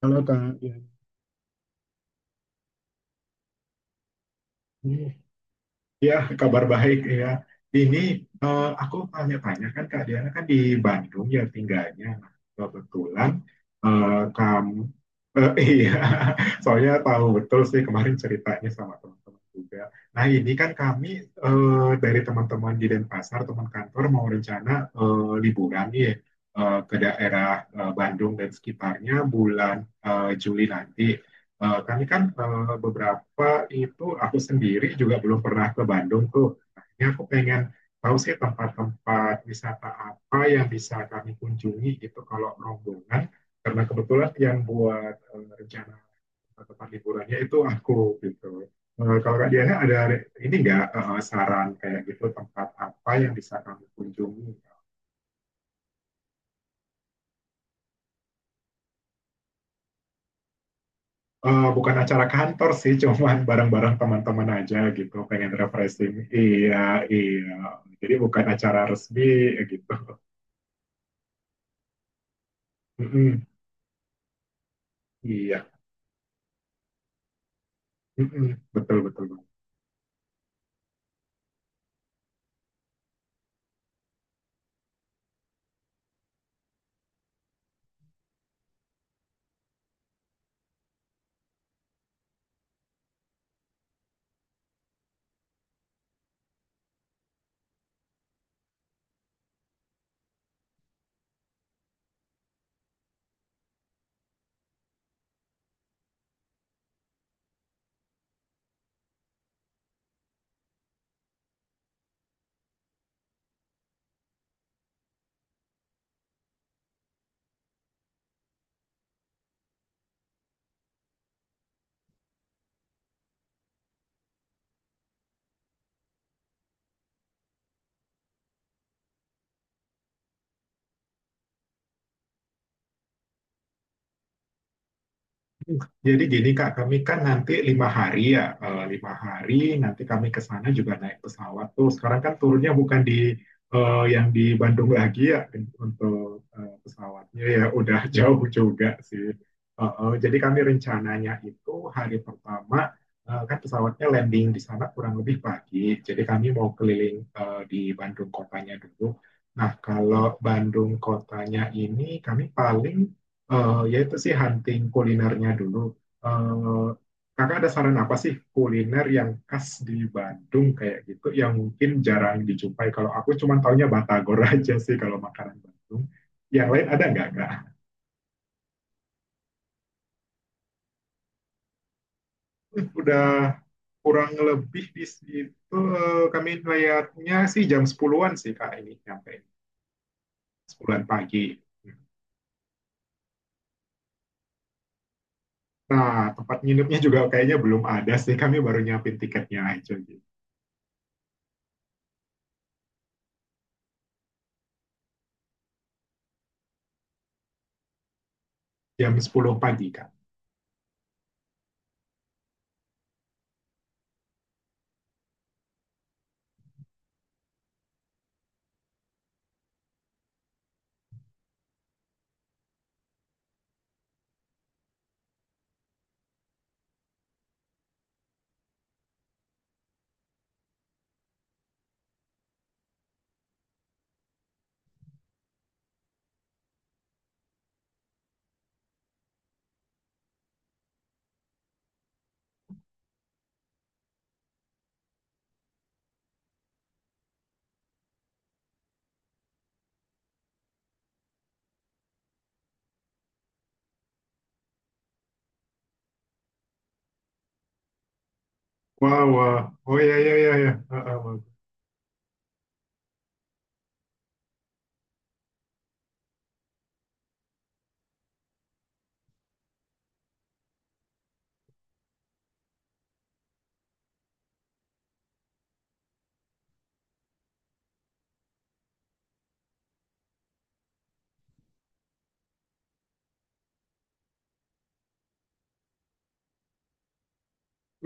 Halo Kak, ya. Ya, kabar baik ya. Ini aku tanya-tanya, kan Kak Diana kan di Bandung ya tinggalnya. Nah, kebetulan eh, kamu, iya, soalnya tahu betul sih kemarin ceritanya sama teman-teman juga. Nah ini kan kami eh, dari teman-teman di Denpasar, teman kantor mau rencana liburan nih ke daerah Bandung dan sekitarnya bulan Juli nanti. Kami kan eh, beberapa Wah, itu aku sendiri juga belum pernah ke Bandung tuh. Akhirnya aku pengen tahu sih tempat-tempat wisata apa yang bisa kami kunjungi gitu kalau rombongan. Karena kebetulan yang buat rencana tempat liburannya itu aku gitu. Kalau Kak Diana ada ini nggak saran kayak gitu tempat apa yang bisa kami kunjungi? Bukan acara kantor sih, cuman bareng-bareng teman-teman aja gitu, pengen refreshing. Iya, iya. Jadi bukan acara resmi gitu. Mhm, iya, mhm, betul betul. Jadi gini Kak, kami kan nanti 5 hari ya. 5 hari nanti kami ke sana juga naik pesawat tuh. Sekarang kan turunnya bukan di yang di Bandung lagi ya untuk pesawatnya, ya udah jauh juga sih. Jadi kami rencananya itu hari pertama kan pesawatnya landing di sana kurang lebih pagi. Jadi kami mau keliling di Bandung kotanya dulu. Nah kalau Bandung kotanya ini kami paling ya itu sih hunting kulinernya dulu. Eh, Kakak ada saran apa sih kuliner yang khas di Bandung kayak gitu yang mungkin jarang dijumpai? Kalau aku cuma taunya Batagor aja sih kalau makanan Bandung. Yang lain ada nggak, Kak? Udah kurang lebih di situ kami layaknya sih jam 10-an sih, Kak, ini nyampe 10-an pagi. Nah, tempat nginepnya juga kayaknya belum ada sih. Kami baru nyiapin tiketnya aja gitu. Jam 10 pagi, Kak. Wow, wow. Oh iya, iya, iya, iya. Heeh, wow.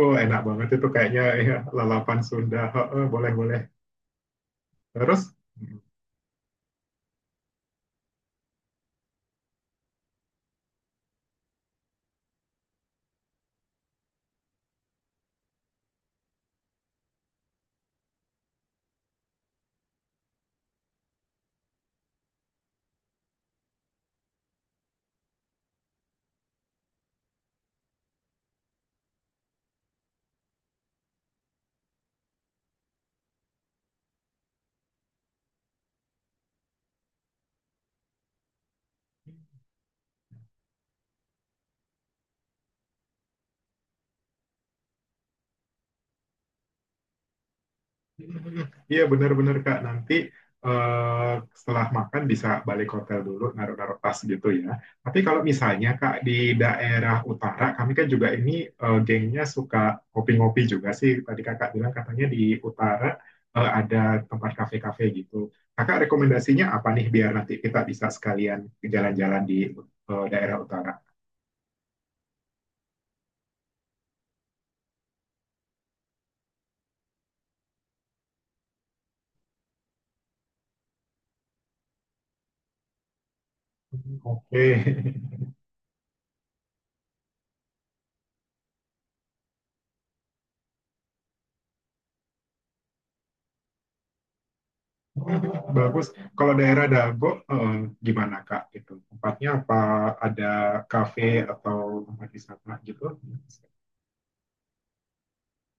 Oh, enak banget itu kayaknya ya, lalapan Sunda. Heeh, boleh, boleh. Terus, iya benar-benar Kak, nanti eh, setelah makan bisa balik hotel dulu, naruh-naruh tas gitu ya. Tapi kalau misalnya Kak di daerah utara, kami kan juga ini gengnya suka ngopi-ngopi juga sih. Tadi Kakak bilang katanya di utara ada tempat kafe-kafe gitu. Kakak rekomendasinya apa nih biar nanti kita bisa sekalian jalan-jalan di daerah utara? Oke. Bagus. Kalau daerah Dago, eh, gimana Kak? Gitu. Tempatnya apa? Ada kafe atau tempat wisata gitu?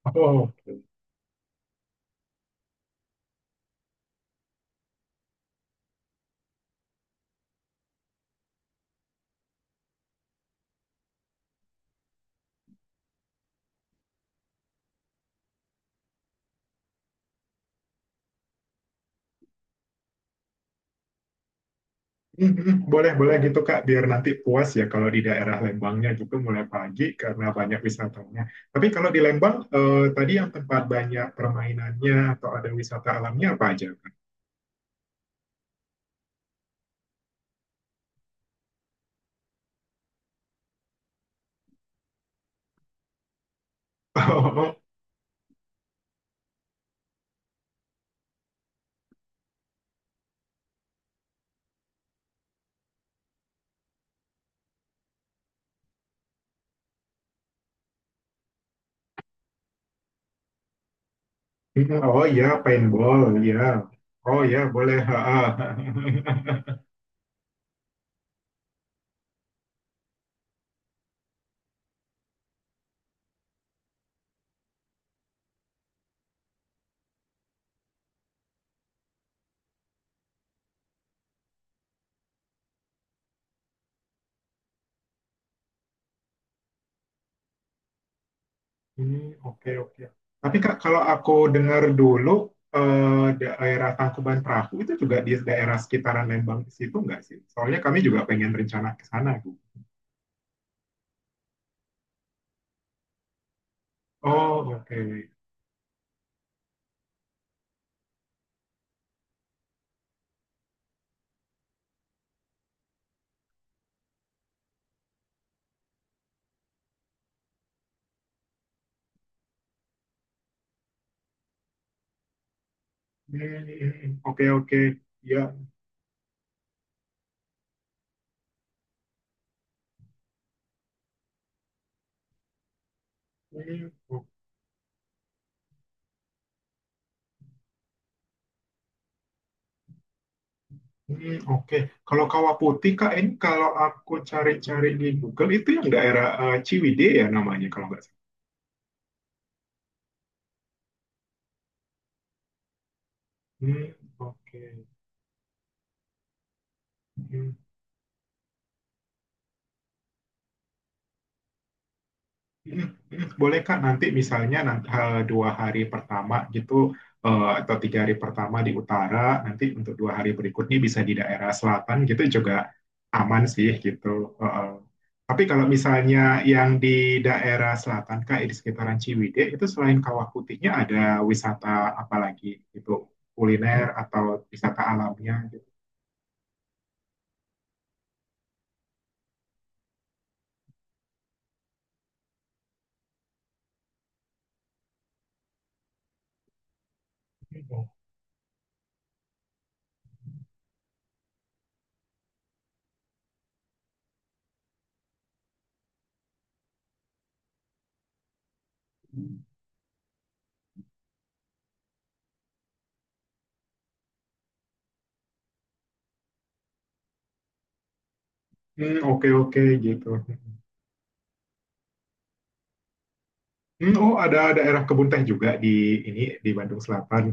Oh, oke. Boleh boleh gitu Kak. Biar nanti puas ya kalau di daerah Lembangnya gitu mulai pagi karena banyak wisatanya. Tapi kalau di Lembang, tadi yang tempat banyak permainannya atau ada wisata alamnya apa aja Kak? Oh, oh, iya, paintball, iya. Oh iya, boleh. Ha, ha. Hmm, oke oke. Tapi Kak, kalau aku dengar dulu daerah Tangkuban Perahu itu juga di daerah sekitaran Lembang di situ nggak sih? Soalnya kami juga pengen rencana ke sana, Bu. Oh, oke. Oke oke. Ya. Hmm, o- oke. Kalau Kawah Putih Kak, ini kalau aku cari-cari di Google itu yang daerah Ciwidey ya namanya kalau nggak salah. Hmm, oke. Hmm, Boleh Kak, nanti misalnya nanti, 2 hari pertama gitu atau 3 hari pertama di utara, nanti untuk 2 hari berikutnya bisa di daerah selatan gitu juga aman sih gitu. Eh, eh. Tapi kalau misalnya yang di daerah selatan Kak, di sekitaran Ciwidey itu selain Kawah Putihnya ada wisata apa lagi gitu, kuliner atau wisata alamnya gitu. Oke oke gitu. Oh ada daerah kebun teh juga di ini di Bandung Selatan.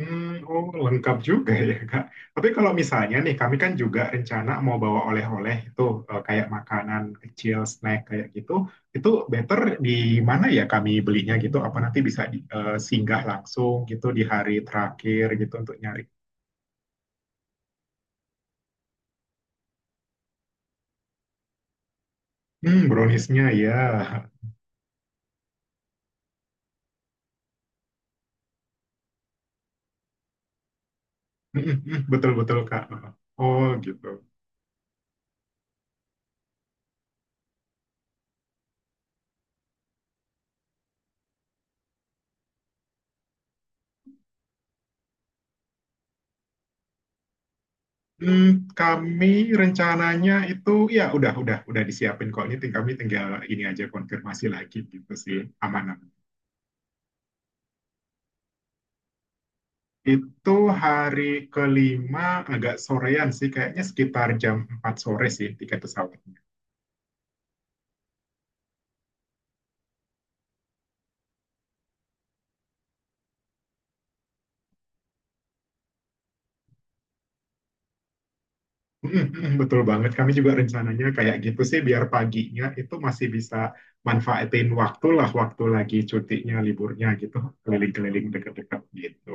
Oh, lengkap juga ya, Kak. Tapi kalau misalnya nih, kami kan juga rencana mau bawa oleh-oleh itu kayak makanan kecil, snack kayak gitu. Itu better di mana ya kami belinya gitu? Apa nanti bisa di, singgah langsung gitu di hari terakhir gitu untuk nyari? Browniesnya ya. Betul-betul, Kak. Oh, gitu. Hmm, Kami rencananya itu ya udah disiapin kok ini kami tinggal ini aja konfirmasi lagi gitu sih aman. Itu hari ke-5 agak sorean sih, kayaknya sekitar jam 4 sore sih tiket pesawatnya. Betul banget, kami juga rencananya kayak gitu sih, biar paginya itu masih bisa manfaatin waktu lah, waktu lagi cutinya, liburnya gitu, keliling-keliling deket-deket gitu.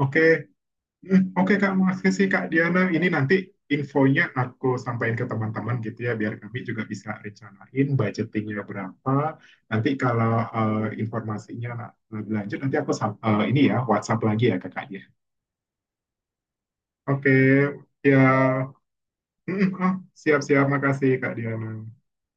Oke. Oke Kak, makasih Kak Diana. Ini nanti infonya aku sampaikan ke teman-teman gitu ya, biar kami juga bisa rencanain budgetingnya berapa. Nanti kalau informasinya lebih lanjut, nanti aku ini ya WhatsApp lagi ya ke Kak Diana. Oke, ya. Mm, ah, Siap-siap. Makasih Kak Diana.